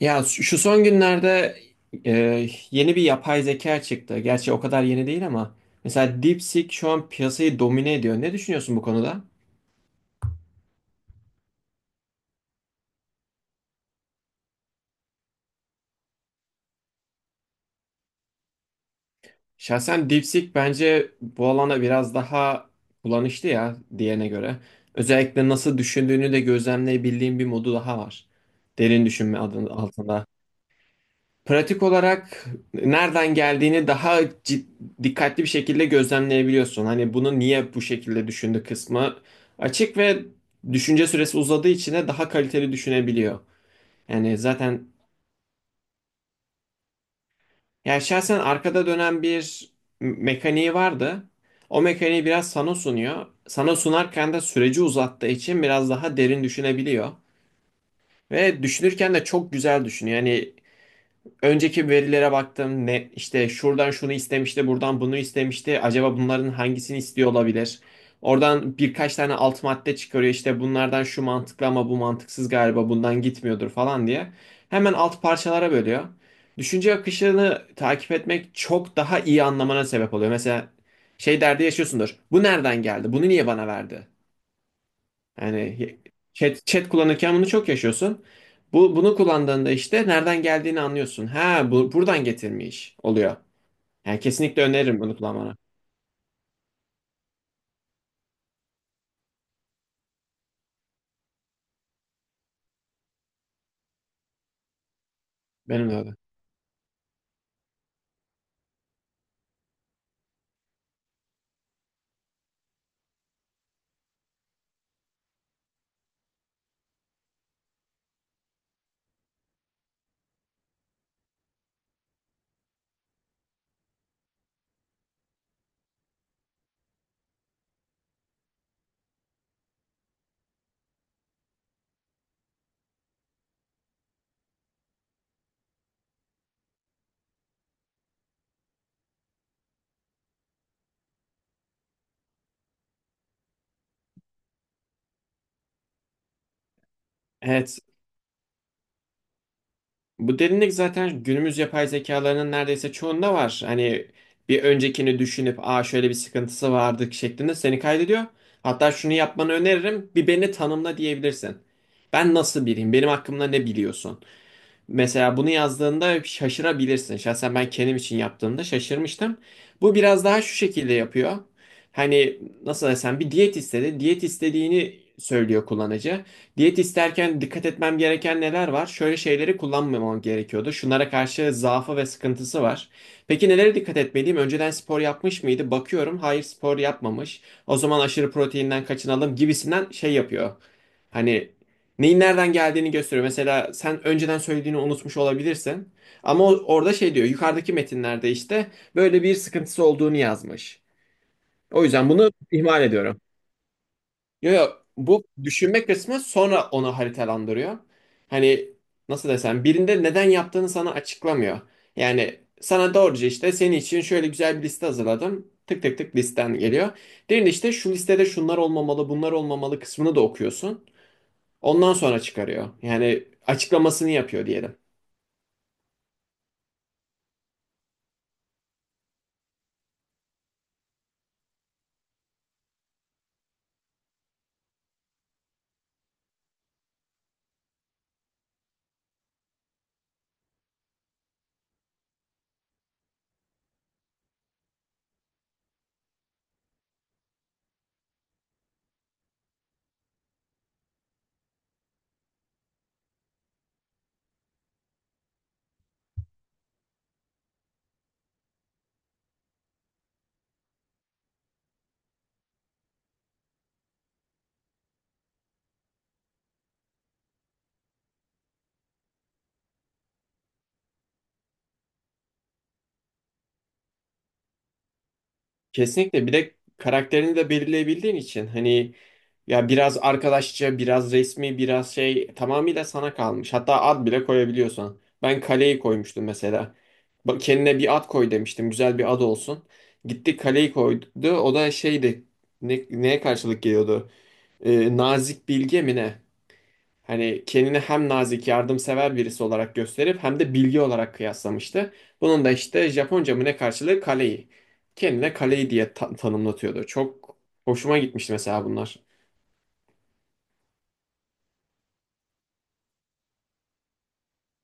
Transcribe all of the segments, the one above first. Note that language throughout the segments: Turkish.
Ya şu şu son günlerde yeni bir yapay zeka çıktı. Gerçi o kadar yeni değil ama mesela DeepSeek şu an piyasayı domine ediyor. Ne düşünüyorsun bu konuda? Şahsen DeepSeek bence bu alana biraz daha kullanışlı ya diğerine göre. Özellikle nasıl düşündüğünü de gözlemleyebildiğim bir modu daha var. Derin düşünme adı altında. Pratik olarak nereden geldiğini daha cid- dikkatli bir şekilde gözlemleyebiliyorsun. Hani bunu niye bu şekilde düşündü kısmı açık ve düşünce süresi uzadığı için de daha kaliteli düşünebiliyor. Yani zaten ya şahsen arkada dönen bir mekaniği vardı. O mekaniği biraz sana sunuyor. Sana sunarken de süreci uzattığı için biraz daha derin düşünebiliyor. Ve düşünürken de çok güzel düşünüyor. Yani önceki verilere baktım. Ne işte şuradan şunu istemişti, buradan bunu istemişti. Acaba bunların hangisini istiyor olabilir? Oradan birkaç tane alt madde çıkarıyor. İşte bunlardan şu mantıklı ama bu mantıksız galiba. Bundan gitmiyordur falan diye. Hemen alt parçalara bölüyor. Düşünce akışını takip etmek çok daha iyi anlamana sebep oluyor. Mesela şey derdi yaşıyorsundur. Bu nereden geldi? Bunu niye bana verdi? Yani chat kullanırken bunu çok yaşıyorsun. Bu bunu kullandığında işte nereden geldiğini anlıyorsun. Ha bu buradan getirmiş oluyor. Yani kesinlikle öneririm bunu kullanmanı. Benim de öyle. Evet. Bu derinlik zaten günümüz yapay zekalarının neredeyse çoğunda var. Hani bir öncekini düşünüp aa şöyle bir sıkıntısı vardı şeklinde seni kaydediyor. Hatta şunu yapmanı öneririm. Bir beni tanımla diyebilirsin. Ben nasıl biriyim? Benim hakkımda ne biliyorsun? Mesela bunu yazdığında şaşırabilirsin. Şahsen ben kendim için yaptığımda şaşırmıştım. Bu biraz daha şu şekilde yapıyor. Hani nasıl desem bir diyet istedi. Diyet istediğini söylüyor kullanıcı. Diyet isterken dikkat etmem gereken neler var? Şöyle şeyleri kullanmamam gerekiyordu. Şunlara karşı zaafı ve sıkıntısı var. Peki nelere dikkat etmeliyim? Önceden spor yapmış mıydı? Bakıyorum. Hayır, spor yapmamış. O zaman aşırı proteinden kaçınalım gibisinden şey yapıyor. Hani neyin nereden geldiğini gösteriyor. Mesela sen önceden söylediğini unutmuş olabilirsin. Ama orada şey diyor. Yukarıdaki metinlerde işte böyle bir sıkıntısı olduğunu yazmış. O yüzden bunu ihmal ediyorum. Yo, yo, bu düşünme kısmı sonra onu haritalandırıyor. Hani nasıl desem birinde neden yaptığını sana açıklamıyor. Yani sana doğruca işte senin için şöyle güzel bir liste hazırladım. Tık tık tık listen geliyor. Diğerinde işte şu listede şunlar olmamalı, bunlar olmamalı kısmını da okuyorsun. Ondan sonra çıkarıyor. Yani açıklamasını yapıyor diyelim. Kesinlikle bir de karakterini de belirleyebildiğin için hani ya biraz arkadaşça, biraz resmi, biraz şey tamamıyla sana kalmış. Hatta ad bile koyabiliyorsun. Ben kaleyi koymuştum mesela. Bak kendine bir ad koy demiştim. Güzel bir ad olsun. Gitti kaleyi koydu. O da şeydi. Neye karşılık geliyordu? Nazik bilge mi ne? Hani kendini hem nazik, yardımsever birisi olarak gösterip hem de bilgi olarak kıyaslamıştı. Bunun da işte Japonca mı ne karşılığı kaleyi. Kendine kaleyi diye tanımlatıyordu. Çok hoşuma gitmişti mesela bunlar.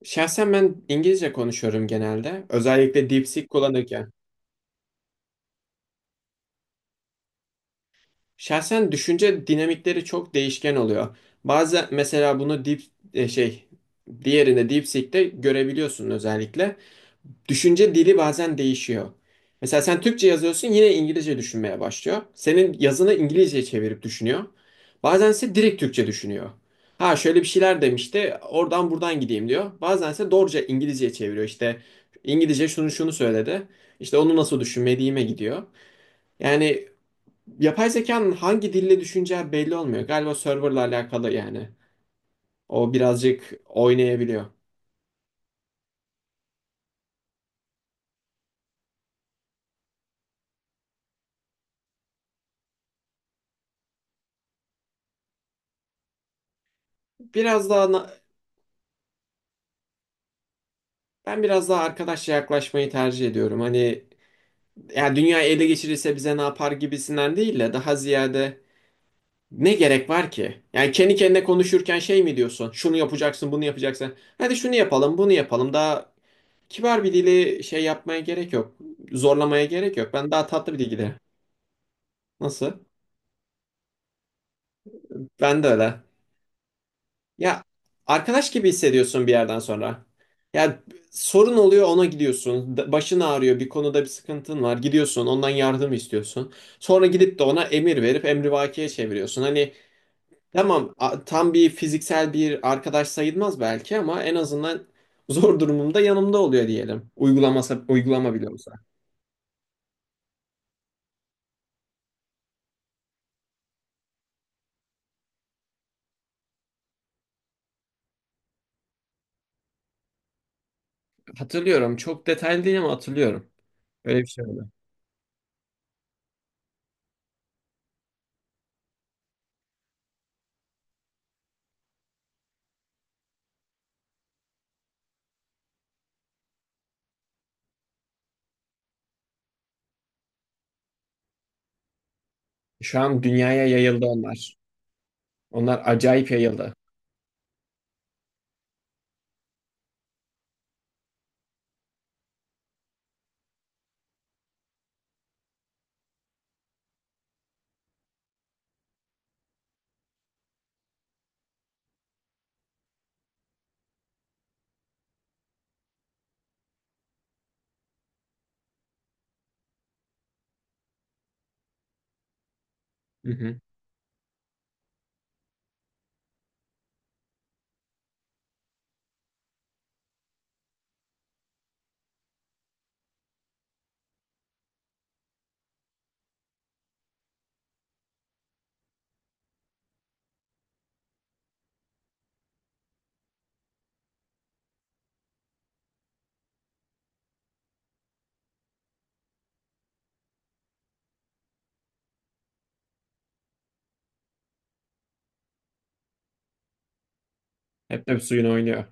Şahsen ben İngilizce konuşuyorum genelde. Özellikle DeepSeek kullanırken. Şahsen düşünce dinamikleri çok değişken oluyor. Bazı mesela bunu deep e, şey diğerinde DeepSeek'te görebiliyorsun özellikle. Düşünce dili bazen değişiyor. Mesela sen Türkçe yazıyorsun yine İngilizce düşünmeye başlıyor. Senin yazını İngilizceye çevirip düşünüyor. Bazen ise direkt Türkçe düşünüyor. Ha şöyle bir şeyler demişti oradan buradan gideyim diyor. Bazen ise doğruca İngilizceye çeviriyor işte. İngilizce şunu şunu söyledi. İşte onu nasıl düşünmediğime gidiyor. Yani yapay zekanın hangi dille düşüneceği belli olmuyor. Galiba serverla alakalı yani. O birazcık oynayabiliyor. Biraz daha na- ben biraz daha arkadaşça yaklaşmayı tercih ediyorum. Hani ya dünya ele geçirirse bize ne yapar gibisinden değil de daha ziyade ne gerek var ki? Yani kendi kendine konuşurken şey mi diyorsun? Şunu yapacaksın, bunu yapacaksın. Hadi şunu yapalım, bunu yapalım. Daha kibar bir dili şey yapmaya gerek yok. Zorlamaya gerek yok. Ben daha tatlı bir dilde. Nasıl? Ben de öyle. Ya arkadaş gibi hissediyorsun bir yerden sonra. Ya sorun oluyor ona gidiyorsun. Başın ağrıyor, bir konuda bir sıkıntın var. Gidiyorsun, ondan yardım istiyorsun. Sonra gidip de ona emir verip emrivakiye çeviriyorsun. Hani tamam, tam bir fiziksel bir arkadaş sayılmaz belki ama en azından zor durumumda yanımda oluyor diyelim. Uygulama bile olsa. Hatırlıyorum. Çok detaylı değil ama hatırlıyorum. Öyle bir şey oldu. Şu an dünyaya yayıldı onlar. Onlar acayip yayıldı. Hı hı. Hep de bir suyun oynuyor.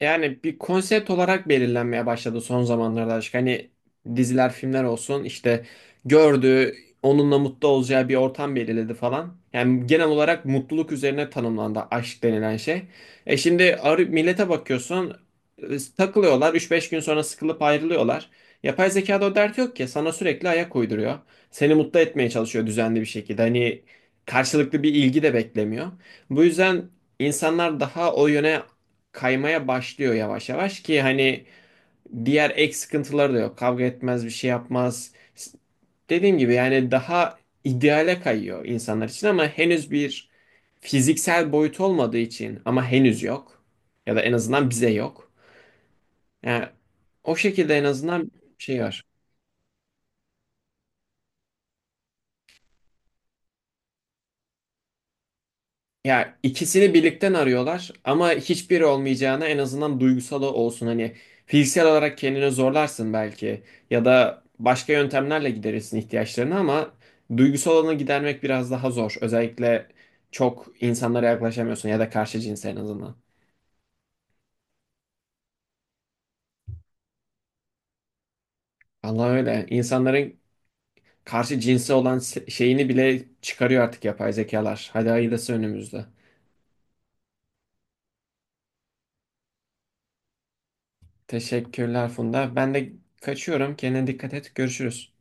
Yani bir konsept olarak belirlenmeye başladı son zamanlarda aşk. Hani diziler, filmler olsun işte gördüğü, onunla mutlu olacağı bir ortam belirledi falan. Yani genel olarak mutluluk üzerine tanımlandı aşk denilen şey. Millete bakıyorsun, e, takılıyorlar 3-5 gün sonra sıkılıp ayrılıyorlar. Yapay zekada o dert yok ki sana sürekli ayak uyduruyor. Seni mutlu etmeye çalışıyor düzenli bir şekilde. Hani karşılıklı bir ilgi de beklemiyor. Bu yüzden insanlar daha o yöne kaymaya başlıyor yavaş yavaş ki hani diğer ek sıkıntıları da yok. Kavga etmez, bir şey yapmaz. Dediğim gibi yani daha ideale kayıyor insanlar için ama henüz bir fiziksel boyut olmadığı için ama henüz yok ya da en azından bize yok. Yani o şekilde en azından şey var. Ya ikisini birlikten arıyorlar ama hiçbiri olmayacağına en azından duygusal olsun. Hani fiziksel olarak kendini zorlarsın belki ya da başka yöntemlerle giderirsin ihtiyaçlarını ama duygusal olanı gidermek biraz daha zor. Özellikle çok insanlara yaklaşamıyorsun ya da karşı cinse en azından. Allah öyle. İnsanların karşı cinse olan şeyini bile çıkarıyor artık yapay zekalar. Hadi hayırlısı önümüzde. Teşekkürler Funda. Ben de kaçıyorum. Kendine dikkat et. Görüşürüz.